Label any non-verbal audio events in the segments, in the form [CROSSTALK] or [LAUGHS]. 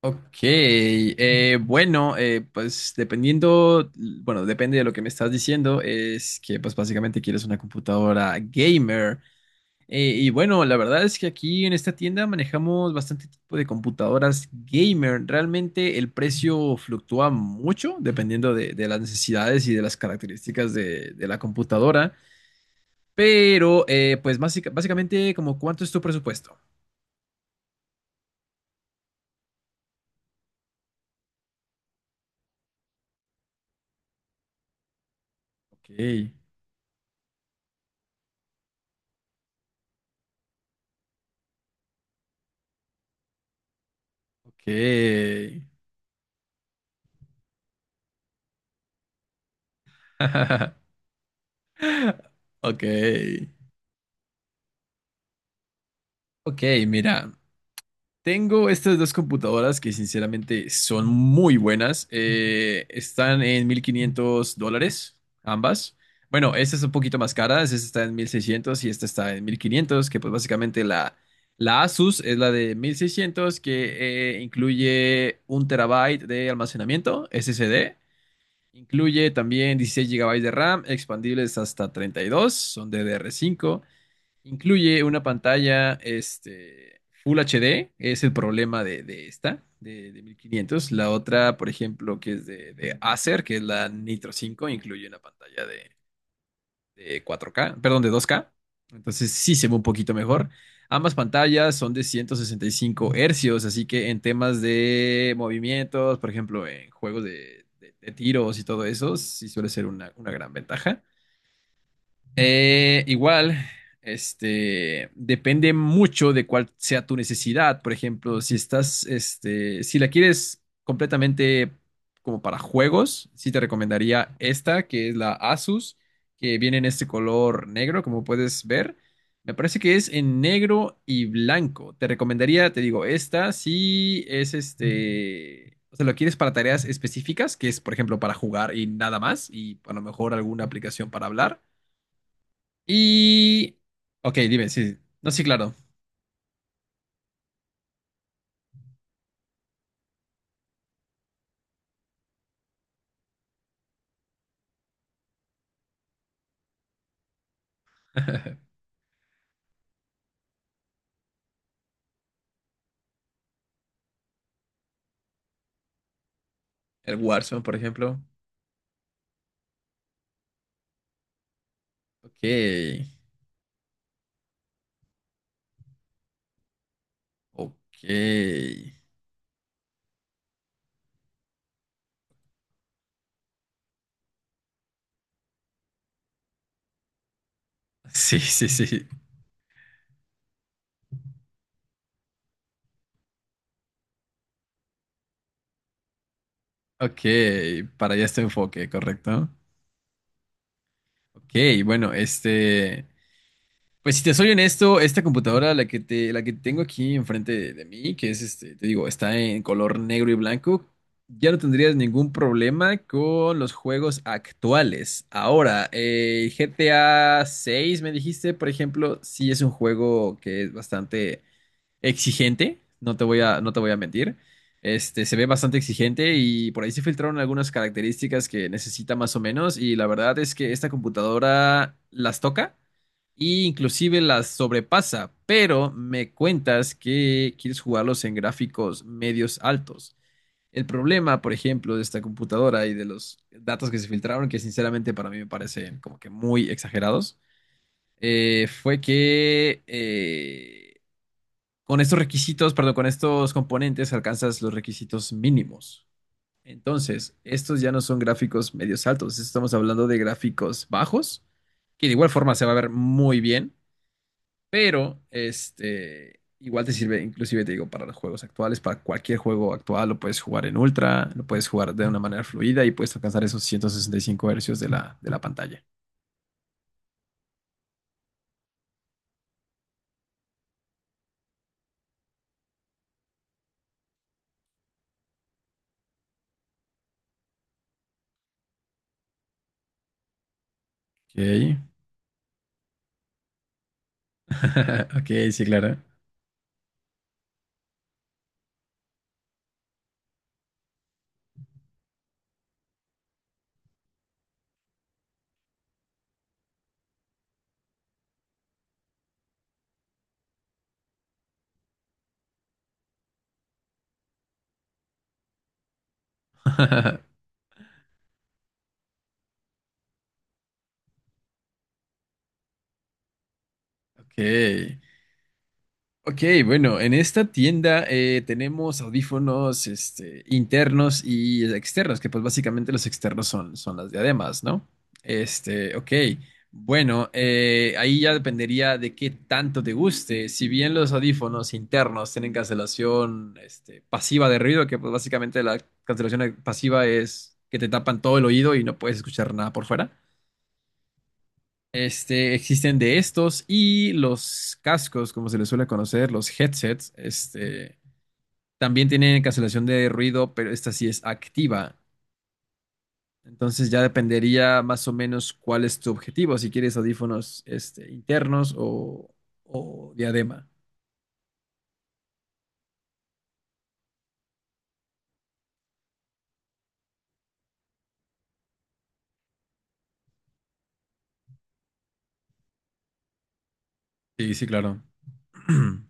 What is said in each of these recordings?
Ok, bueno, pues dependiendo, bueno, depende de lo que me estás diciendo, es que pues básicamente quieres una computadora gamer. Y bueno, la verdad es que aquí en esta tienda manejamos bastante tipo de computadoras gamer. Realmente el precio fluctúa mucho dependiendo de las necesidades y de las características de la computadora. Pero pues básicamente como cuánto es tu presupuesto. Ok, ok. [LAUGHS] Ok. Ok, mira. Tengo estas dos computadoras que sinceramente son muy buenas. Están en $1,500, ambas. Bueno, esta es un poquito más cara, esta está en 1,600 y esta está en 1,500. Que pues básicamente la Asus es la de 1,600 que incluye un terabyte de almacenamiento SSD. Incluye también 16 GB de RAM, expandibles hasta 32, son DDR5. Incluye una pantalla Full HD, es el problema de esta, de 1,500. La otra, por ejemplo, que es de Acer, que es la Nitro 5, incluye una pantalla de 4K, perdón, de 2K. Entonces sí se ve un poquito mejor. Ambas pantallas son de 165 hercios, así que en temas de movimientos, por ejemplo, en juegos de tiros y todo eso, sí suele ser una gran ventaja. Igual, depende mucho de cuál sea tu necesidad. Por ejemplo, si estás, si la quieres completamente como para juegos, sí te recomendaría esta, que es la Asus, que viene en este color negro, como puedes ver. Me parece que es en negro y blanco. Te recomendaría, te digo, esta si es o sea, lo quieres para tareas específicas, que es, por ejemplo, para jugar y nada más, y a lo mejor alguna aplicación para hablar. Y. Ok, dime, sí. No, sí, claro. [LAUGHS] El Warzone, por ejemplo. Ok. Ok. [LAUGHS] Sí, sí, sí. Ok. Para allá este enfoque, correcto. Ok, bueno. Pues si te soy honesto, esta computadora, la que tengo aquí enfrente de mí, que es te digo, está en color negro y blanco, ya no tendrías ningún problema con los juegos actuales. Ahora, GTA 6, me dijiste, por ejemplo, sí es un juego que es bastante exigente, no te voy a mentir. Se ve bastante exigente y por ahí se filtraron algunas características que necesita más o menos y la verdad es que esta computadora las toca e inclusive las sobrepasa, pero me cuentas que quieres jugarlos en gráficos medios altos. El problema, por ejemplo, de esta computadora y de los datos que se filtraron, que sinceramente para mí me parecen como que muy exagerados, fue que con estos requisitos, perdón, con estos componentes alcanzas los requisitos mínimos. Entonces, estos ya no son gráficos medios altos, estamos hablando de gráficos bajos, que de igual forma se va a ver muy bien, pero este igual te sirve, inclusive te digo, para los juegos actuales, para cualquier juego actual lo puedes jugar en ultra, lo puedes jugar de una manera fluida y puedes alcanzar esos 165 hercios de la pantalla. Ok. [LAUGHS] Ok, sí, claro. [LAUGHS] Ok. Ok, bueno, en esta tienda tenemos audífonos internos y externos, que pues básicamente los externos son, las diademas, ¿no? Ok, bueno, ahí ya dependería de qué tanto te guste. Si bien los audífonos internos tienen cancelación pasiva de ruido, que pues básicamente la cancelación pasiva es que te tapan todo el oído y no puedes escuchar nada por fuera. Existen de estos y los cascos, como se les suele conocer, los headsets, también tienen cancelación de ruido, pero esta sí es activa. Entonces ya dependería más o menos cuál es tu objetivo, si quieres audífonos, internos o diadema. Sí, sí, claro. [CLEARS THROAT]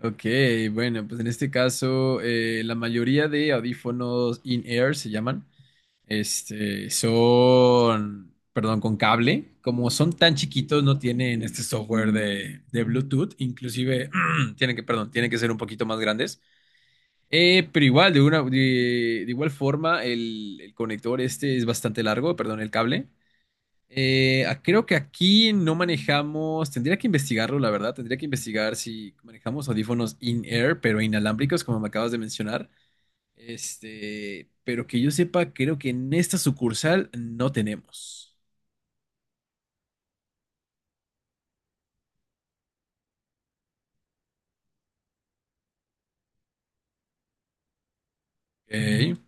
Ok, bueno, pues en este caso, la mayoría de audífonos in-ear se llaman. Son, perdón, con cable. Como son tan chiquitos, no tienen este software de Bluetooth. Inclusive, [CLEARS THROAT] tienen que, perdón, tienen que ser un poquito más grandes. Pero igual, de igual forma, el conector este es bastante largo, perdón, el cable. Ah, creo que aquí no manejamos, tendría que investigarlo, la verdad, tendría que investigar si manejamos audífonos in-air, pero inalámbricos, como me acabas de mencionar. Pero que yo sepa, creo que en esta sucursal no tenemos. Ok, sí,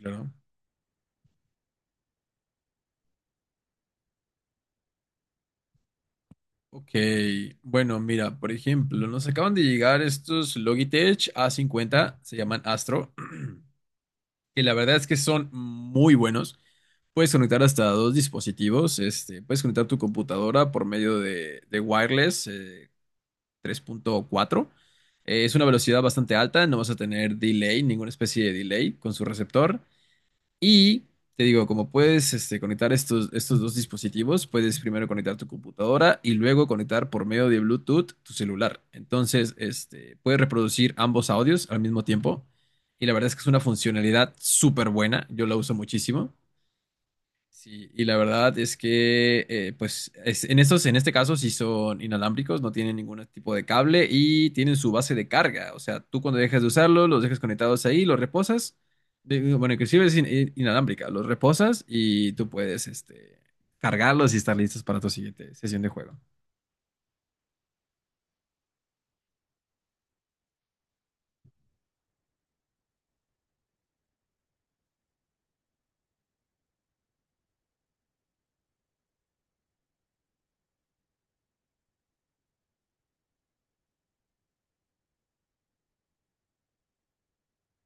claro. Ok, bueno, mira, por ejemplo, nos acaban de llegar estos Logitech A50, se llaman Astro, [CLEARS THROAT] que la verdad es que son muy buenos. Puedes conectar hasta dos dispositivos, puedes conectar tu computadora por medio de wireless 3.4. Es una velocidad bastante alta, no vas a tener delay, ninguna especie de delay con su receptor. Y te digo, como puedes conectar estos dos dispositivos, puedes primero conectar tu computadora y luego conectar por medio de Bluetooth tu celular. Entonces, puedes reproducir ambos audios al mismo tiempo. Y la verdad es que es una funcionalidad súper buena. Yo la uso muchísimo. Sí, y la verdad es que, pues, en este caso, sí son inalámbricos, no tienen ningún tipo de cable y tienen su base de carga. O sea, tú cuando dejas de usarlo, los dejas conectados ahí, los reposas. Bueno, inclusive es inalámbrica, los reposas y tú puedes, cargarlos y estar listos para tu siguiente sesión de juego.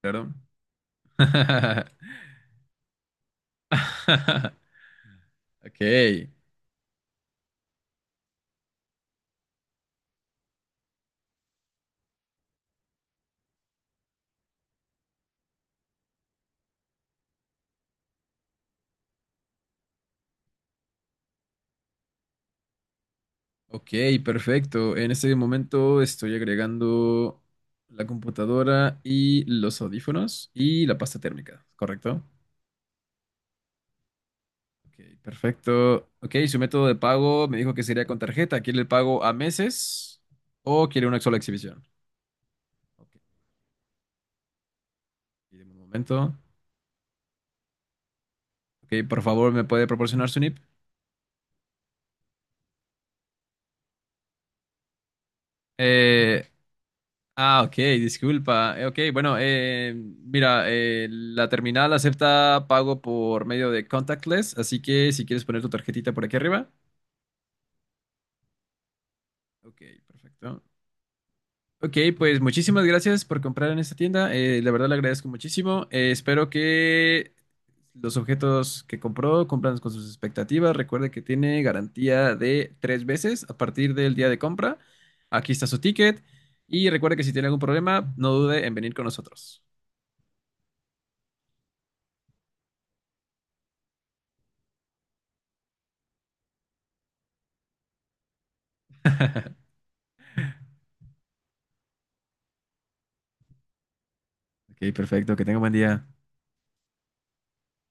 Claro. [LAUGHS] Ok. Ok, perfecto. En este momento estoy agregando la computadora y los audífonos y la pasta térmica, ¿correcto? Ok, perfecto. Ok, su método de pago me dijo que sería con tarjeta. ¿Quiere el pago a meses o quiere una sola exhibición? Ok, pídeme un momento. Ok, por favor, ¿me puede proporcionar su NIP? Eh, Ah, ok, disculpa. Ok, bueno, mira, la terminal acepta pago por medio de contactless, así que si quieres poner tu tarjetita por aquí arriba. Ok, perfecto. Ok, pues muchísimas gracias por comprar en esta tienda. La verdad le agradezco muchísimo. Espero que los objetos que compró cumplan con sus expectativas. Recuerde que tiene garantía de tres veces a partir del día de compra. Aquí está su ticket. Y recuerde que si tiene algún problema, no dude en venir con nosotros. Ok, perfecto, que tenga buen día.